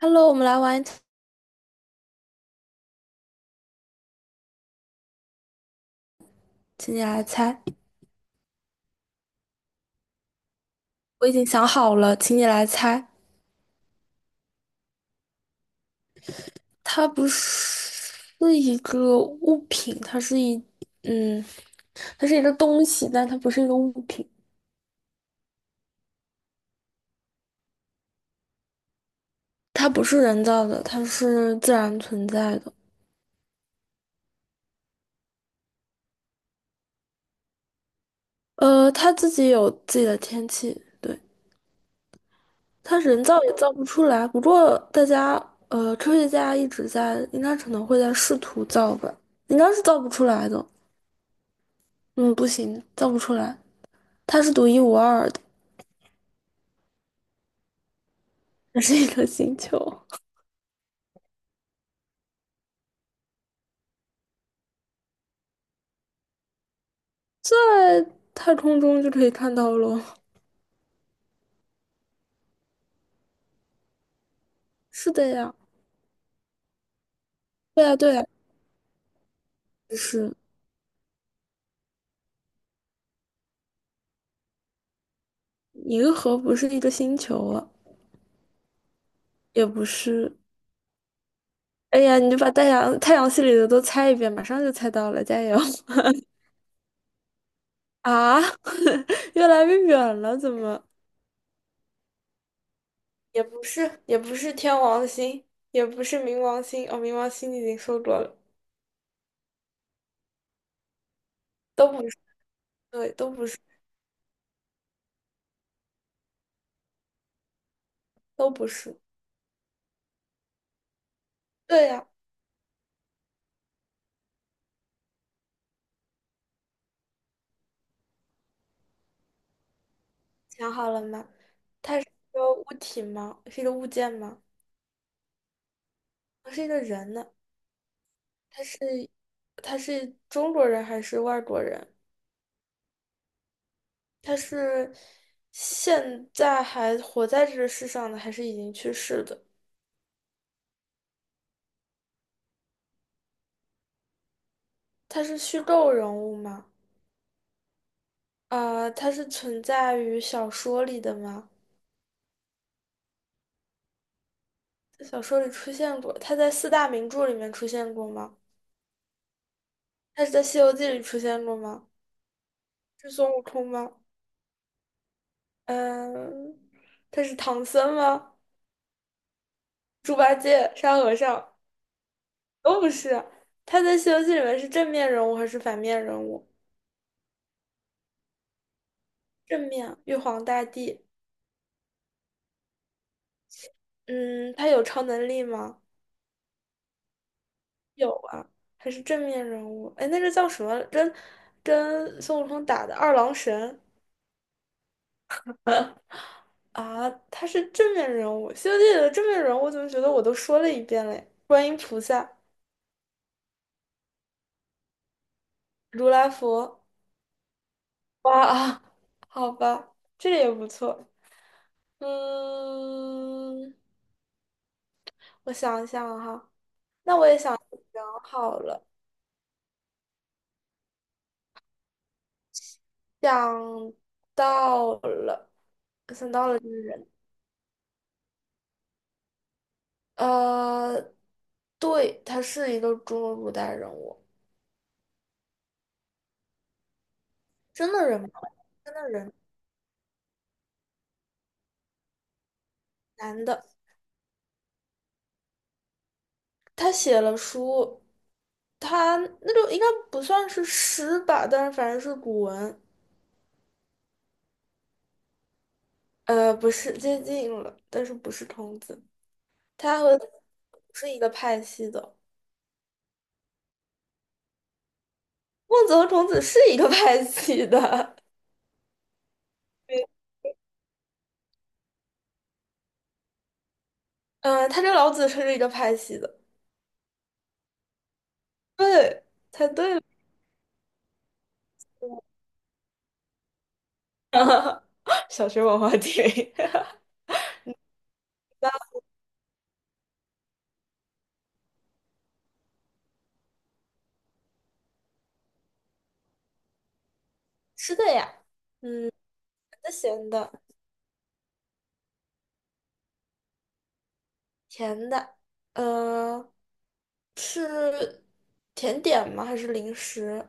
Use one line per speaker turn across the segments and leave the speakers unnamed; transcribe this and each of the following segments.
Hello,我们来玩请你来猜。我已经想好了，请你来猜。它不是一个物品，它是一，嗯，它是一个东西，但它不是一个物品。它不是人造的，它是自然存在的。它自己有自己的天气，对，它人造也造不出来。不过大家，科学家一直在，应该可能会在试图造吧，应该是造不出来的。嗯，不行，造不出来，它是独一无二的。这是一个星球，在太空中就可以看到喽。是的呀，对呀，对呀，就是银河不是一个星球了，也不是。哎呀，你就把太阳系里的都猜一遍，马上就猜到了，加油！啊，越来越远了，怎么？也不是，也不是天王星，也不是冥王星。哦，冥王星你已经说过了，都不是，对，都不是，都不是。对呀，想好了吗？它是一个物体吗？是一个物件吗？他是一个人呢，他是他是中国人还是外国人？他是现在还活在这个世上的，还是已经去世的？他是虚构人物吗？啊、他是存在于小说里的吗？在小说里出现过，他在四大名著里面出现过吗？他是在《西游记》里出现过吗？是孙悟空吗？嗯、他是唐僧吗？猪八戒、沙和尚。都不是，他在《西游记》里面是正面人物还是反面人物？正面，玉皇大帝。嗯，他有超能力吗？有啊，还是正面人物。哎，那个叫什么？跟孙悟空打的二郎神啊，他是正面人物。《西游记》里的正面人物，我怎么觉得我都说了一遍嘞？观音菩萨、如来佛。哇啊，好吧，这个也不错。嗯，我想一想哈，想好了。想到了，想到了这个人，呃，对，他是一个中国古代人物，真的人吗？真的人，男的，他写了书，他那就应该不算是诗吧，但是反正是古文，不是接近了，但是不是孔子，他和不是一个派系的，孟子和孔子是一个派系的，他跟老子是一个派系的，对，猜对。了。小学文化题。那吃的呀，甜咸的、甜的，呃，是甜点吗？还是零食？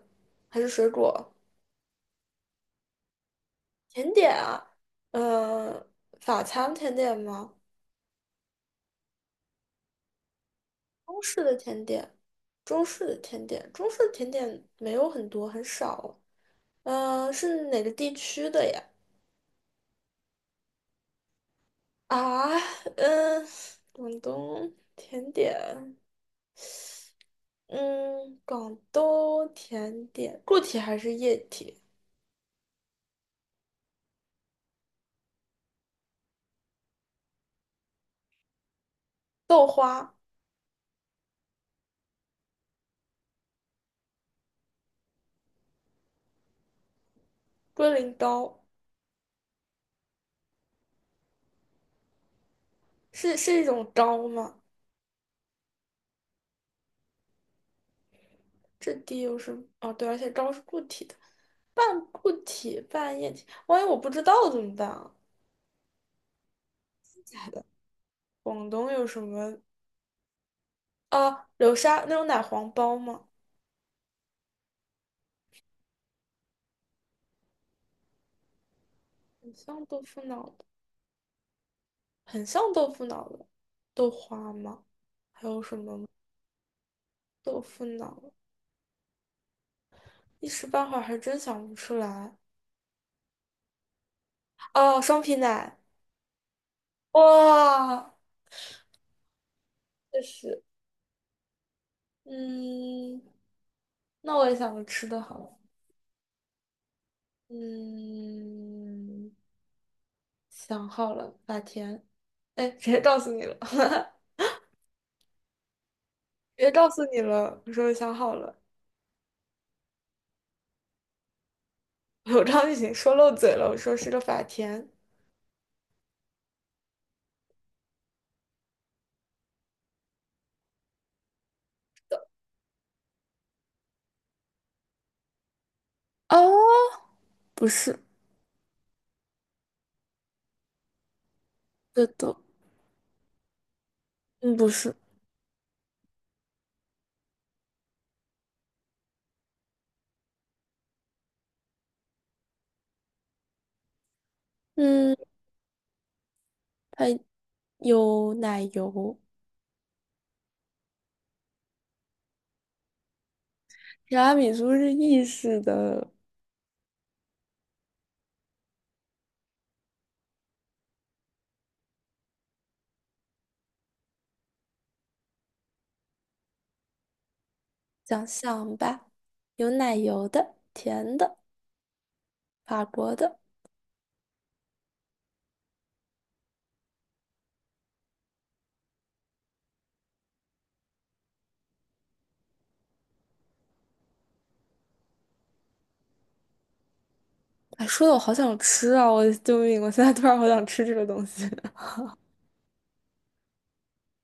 还是水果？甜点啊，呃，法餐甜点吗？中式的甜点，中式的甜点，中式的甜点没有很多，很少。是哪个地区的呀？啊，嗯、广东甜点，嗯，广东甜点，固体还是液体？豆花、龟苓膏，是一种膏吗？质地又是哦，对，而且膏是固体的，半固体半液体，万一我不知道怎么办啊？假的，广东有什么啊？流沙那种奶黄包吗？很像豆腐脑的，很像豆腐脑的，豆花吗？还有什么吗豆腐脑？一时半会儿还真想不出来。哦，双皮奶。哇，确实，嗯，那我也想个吃的好了，嗯，想好了，法甜，哎，直接告诉你了，直接告诉你了，我说想好了，我刚刚已经说漏嘴了，我说是个法甜，哦，不是，这都，嗯，不是，嗯，还有奶油，提拉米苏是意式的想项吧，有奶油的，甜的，法国的。哎，说的我好想吃啊！我救命！我现在突然好想吃这个东西。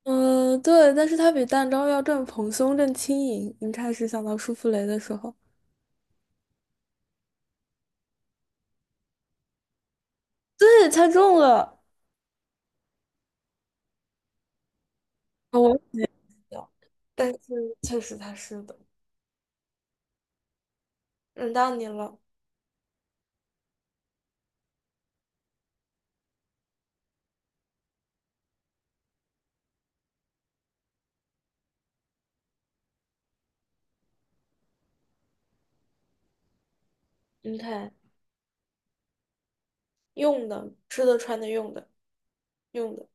嗯，对，但是它比蛋糕要更蓬松、更轻盈。你开始想到舒芙蕾的时候，对，猜中了。啊我也有，但是确实它是的。轮到你了，你看，用的、吃的、穿的、用的、用的，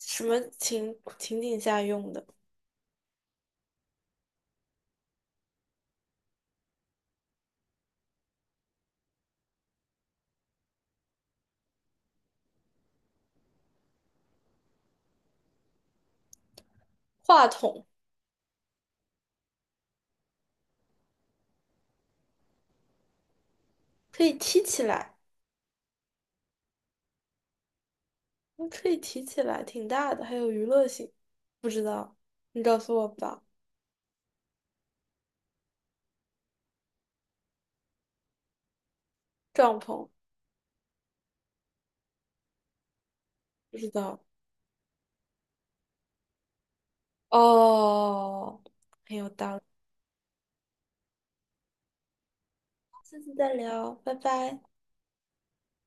什么情景下用的？话筒可以提起来，嗯可以提起来，挺大的，还有娱乐性。不知道，你告诉我吧。帐篷，不知道。哦，很有道理，下次再聊，拜拜。